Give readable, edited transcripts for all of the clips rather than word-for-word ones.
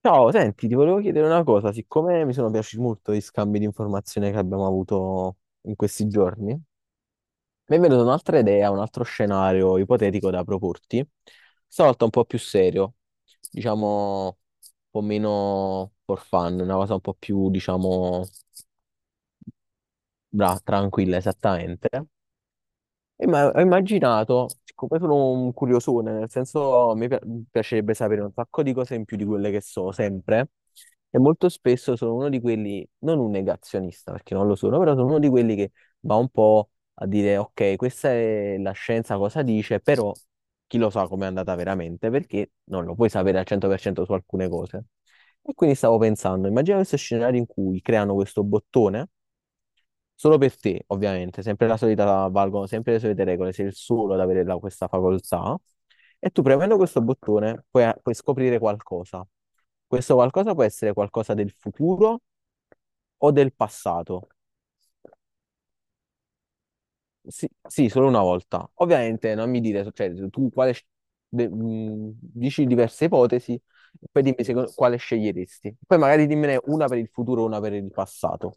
Ciao, senti, ti volevo chiedere una cosa, siccome mi sono piaciuti molto gli scambi di informazione che abbiamo avuto in questi giorni, mi è venuta un'altra idea, un altro scenario ipotetico da proporti, stavolta un po' più serio, diciamo un po' meno for fun, una cosa un po' più, diciamo, tranquilla, esattamente. E ma ho immaginato, siccome sono un curiosone, nel senso piacerebbe sapere un sacco di cose in più di quelle che so sempre, e molto spesso sono uno di quelli, non un negazionista perché non lo sono, però sono uno di quelli che va un po' a dire, ok, questa è la scienza cosa dice, però chi lo sa com'è andata veramente, perché non lo puoi sapere al 100% su alcune cose. E quindi stavo pensando, immagina questo scenario in cui creano questo bottone. Solo per te, ovviamente, sempre la solita, valgono sempre le solite regole, sei il solo ad avere questa facoltà. E tu premendo questo bottone puoi scoprire qualcosa. Questo qualcosa può essere qualcosa del futuro o del passato. Sì, sì, solo una volta. Ovviamente non mi dire, cioè, tu quale, dici diverse ipotesi, poi dimmi quale sceglieresti. Poi magari dimmene una per il futuro e una per il passato.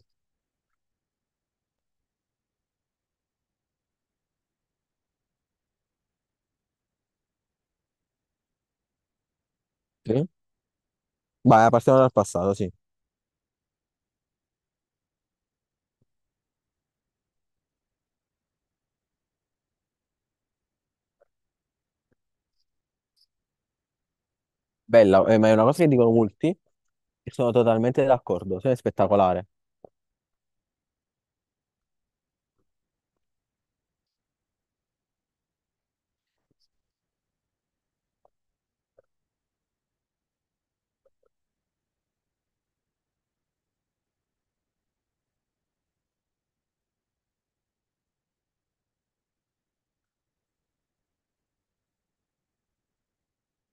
Sì? Vai, partiamo dal passato, sì. Bella, ma è una cosa che dicono molti e sono totalmente d'accordo, cioè è spettacolare.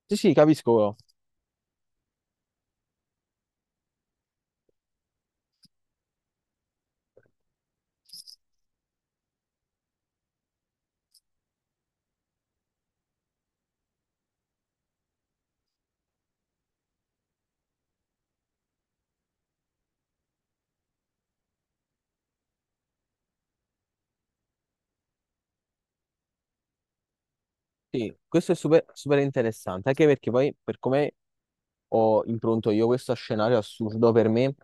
Sì, sì, capisco. Sì, questo è super, super interessante, anche perché poi per come ho impronto io questo scenario assurdo per me,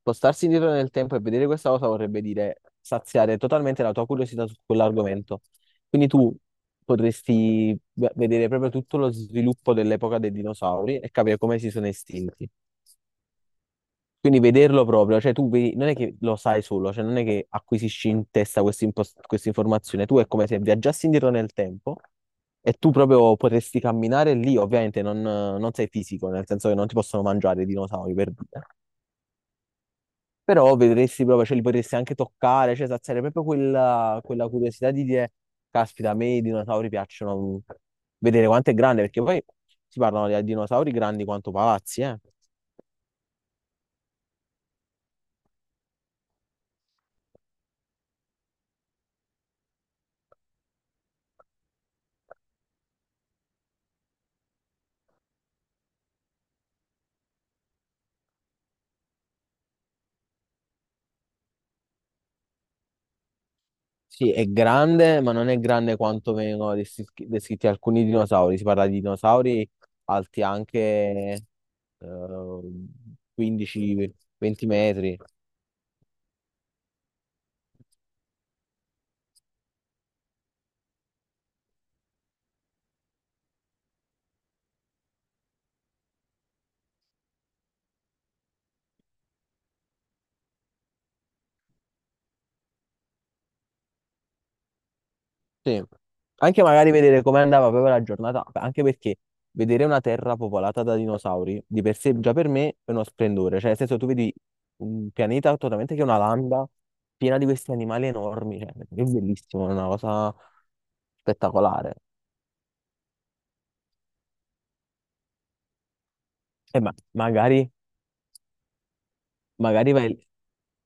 spostarsi indietro nel tempo e vedere questa cosa vorrebbe dire saziare totalmente la tua curiosità su quell'argomento. Quindi tu potresti vedere proprio tutto lo sviluppo dell'epoca dei dinosauri e capire come si sono estinti. Quindi vederlo proprio, cioè tu vedi, non è che lo sai solo, cioè non è che acquisisci in testa questa informazione, tu è come se viaggiassi indietro nel tempo e tu proprio potresti camminare lì, ovviamente non sei fisico, nel senso che non ti possono mangiare i dinosauri per dire, però vedresti proprio, cioè li potresti anche toccare, cioè sarebbe proprio quella, quella curiosità di dire, caspita, a me i dinosauri piacciono vedere quanto è grande, perché poi si parlano di dinosauri grandi quanto palazzi, eh. Sì, è grande, ma non è grande quanto vengono descritti, descritti alcuni dinosauri. Si parla di dinosauri alti anche 15-20 metri. Sì. Anche magari vedere come andava proprio la giornata, anche perché vedere una terra popolata da dinosauri di per sé già per me è uno splendore. Cioè, nel senso, tu vedi un pianeta totalmente che è una landa piena di questi animali enormi. Cioè, è bellissimo, è una cosa spettacolare. E ma magari. Magari vai,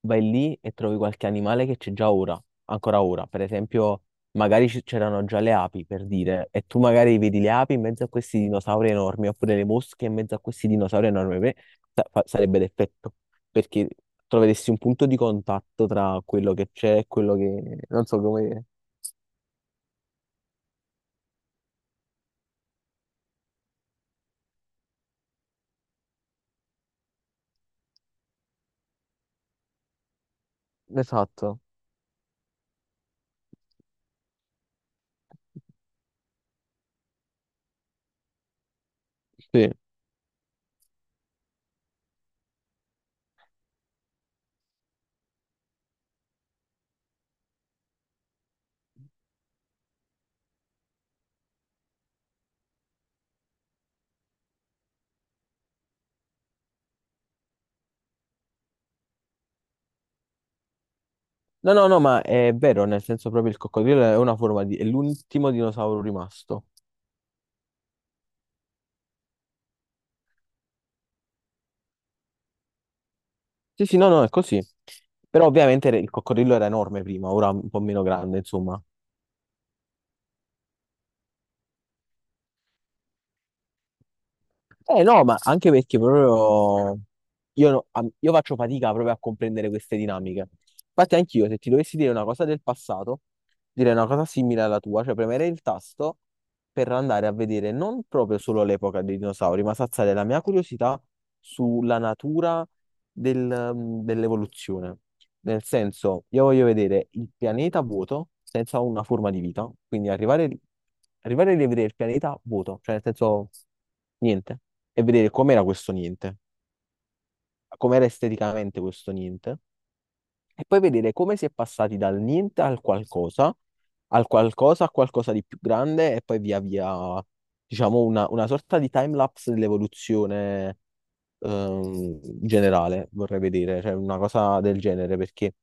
vai lì e trovi qualche animale che c'è già ora, ancora ora. Per esempio, magari c'erano già le api, per dire, e tu magari vedi le api in mezzo a questi dinosauri enormi, oppure le mosche in mezzo a questi dinosauri enormi. Per me sarebbe l'effetto, perché troveresti un punto di contatto tra quello che c'è e quello che... Non so come... Esatto. Sì. No, no, no, ma è vero, nel senso proprio il coccodrillo è una forma di... è l'ultimo dinosauro rimasto. Sì, sì, no, no, è così. Però ovviamente il coccodrillo era enorme prima, ora è un po' meno grande, insomma. Eh no, ma anche perché proprio io, io faccio fatica proprio a comprendere queste dinamiche. Infatti anch'io, se ti dovessi dire una cosa del passato, direi una cosa simile alla tua, cioè premere il tasto per andare a vedere non proprio solo l'epoca dei dinosauri, ma saziare la mia curiosità sulla natura del- mm, dell'evoluzione. Nel senso, io voglio vedere il pianeta vuoto senza una forma di vita, quindi arrivare, arrivare a rivedere il pianeta vuoto, cioè nel senso niente, e vedere com'era questo niente, com'era esteticamente questo niente, e poi vedere come si è passati dal niente al qualcosa, al qualcosa, a qualcosa di più grande, e poi via via, diciamo, una sorta di time lapse dell'evoluzione ehm, in generale vorrei vedere, cioè una cosa del genere, perché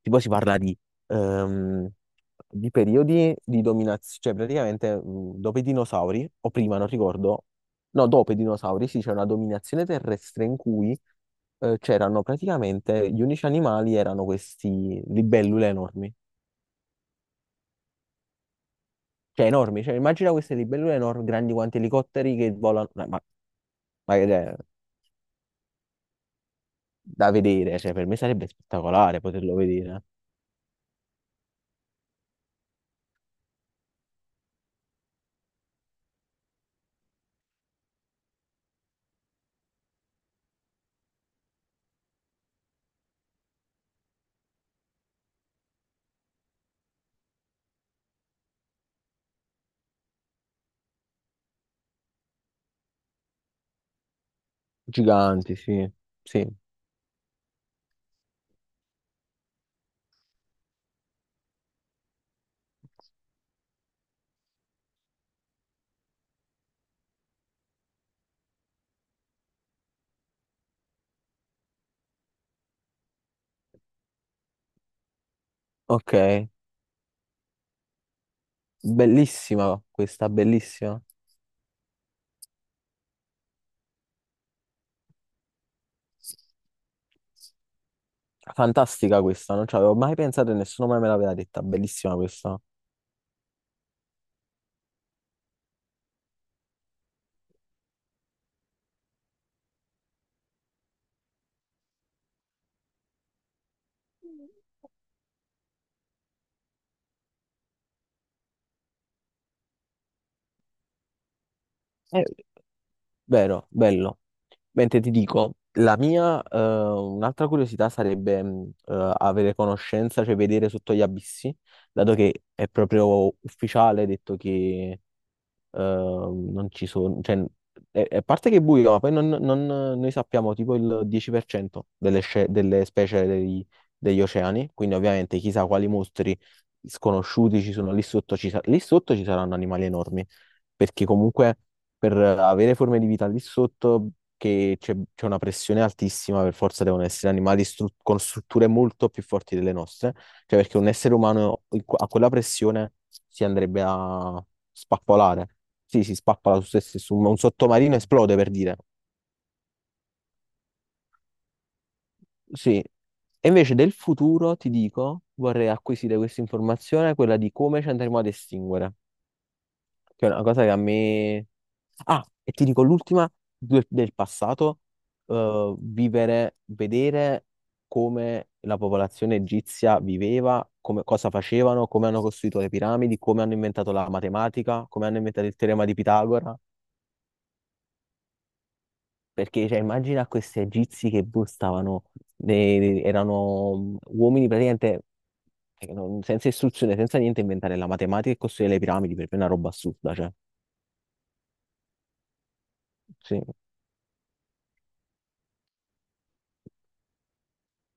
tipo si parla ehm, di periodi di dominazione, cioè praticamente dopo i dinosauri, o prima, non ricordo, no, dopo i dinosauri, sì, c'è una dominazione terrestre in cui c'erano praticamente gli unici animali erano questi libellule enormi. Cioè, enormi, cioè, immagina queste libellule enormi, grandi quanti elicotteri che volano, è da vedere, cioè, per me sarebbe spettacolare poterlo vedere. Giganti, sì, sì. Ok, bellissima questa, bellissima. Fantastica questa, non ci avevo mai pensato e nessuno mai me l'aveva detta. Bellissima questa. Eh, vero, bello. Mentre ti dico, la mia, un'altra curiosità sarebbe avere conoscenza, cioè vedere sotto gli abissi, dato che è proprio ufficiale, detto che non ci sono, cioè, a parte che è buio, ma poi noi sappiamo tipo il 10% delle, delle specie degli oceani, quindi ovviamente chissà quali mostri sconosciuti ci sono lì sotto, lì sotto ci saranno animali enormi, perché comunque per avere forme di vita lì sotto, che c'è una pressione altissima, per forza devono essere animali con strutture molto più forti delle nostre, cioè perché un essere umano in a quella pressione si andrebbe a spappolare. Sì, si spappola su se stesso, un sottomarino esplode per dire. Sì. E invece del futuro ti dico, vorrei acquisire questa informazione, quella di come ci andremo ad estinguere. Che è una cosa che a me... Ah, e ti dico l'ultima del, del passato, vivere, vedere come la popolazione egizia viveva, cosa facevano, come hanno costruito le piramidi, come hanno inventato la matematica, come hanno inventato il teorema di Pitagora. Perché cioè, immagina questi egizi che boh, stavano, erano uomini praticamente senza istruzione, senza niente, inventare la matematica e costruire le piramidi, per me è una roba assurda, cioè, sì.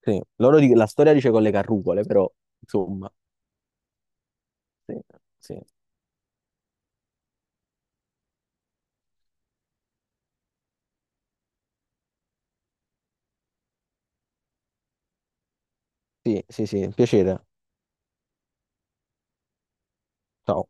Sì, loro la storia dice con le carrucole, però insomma, sì, sì, sì, sì, sì, piacere. Ciao.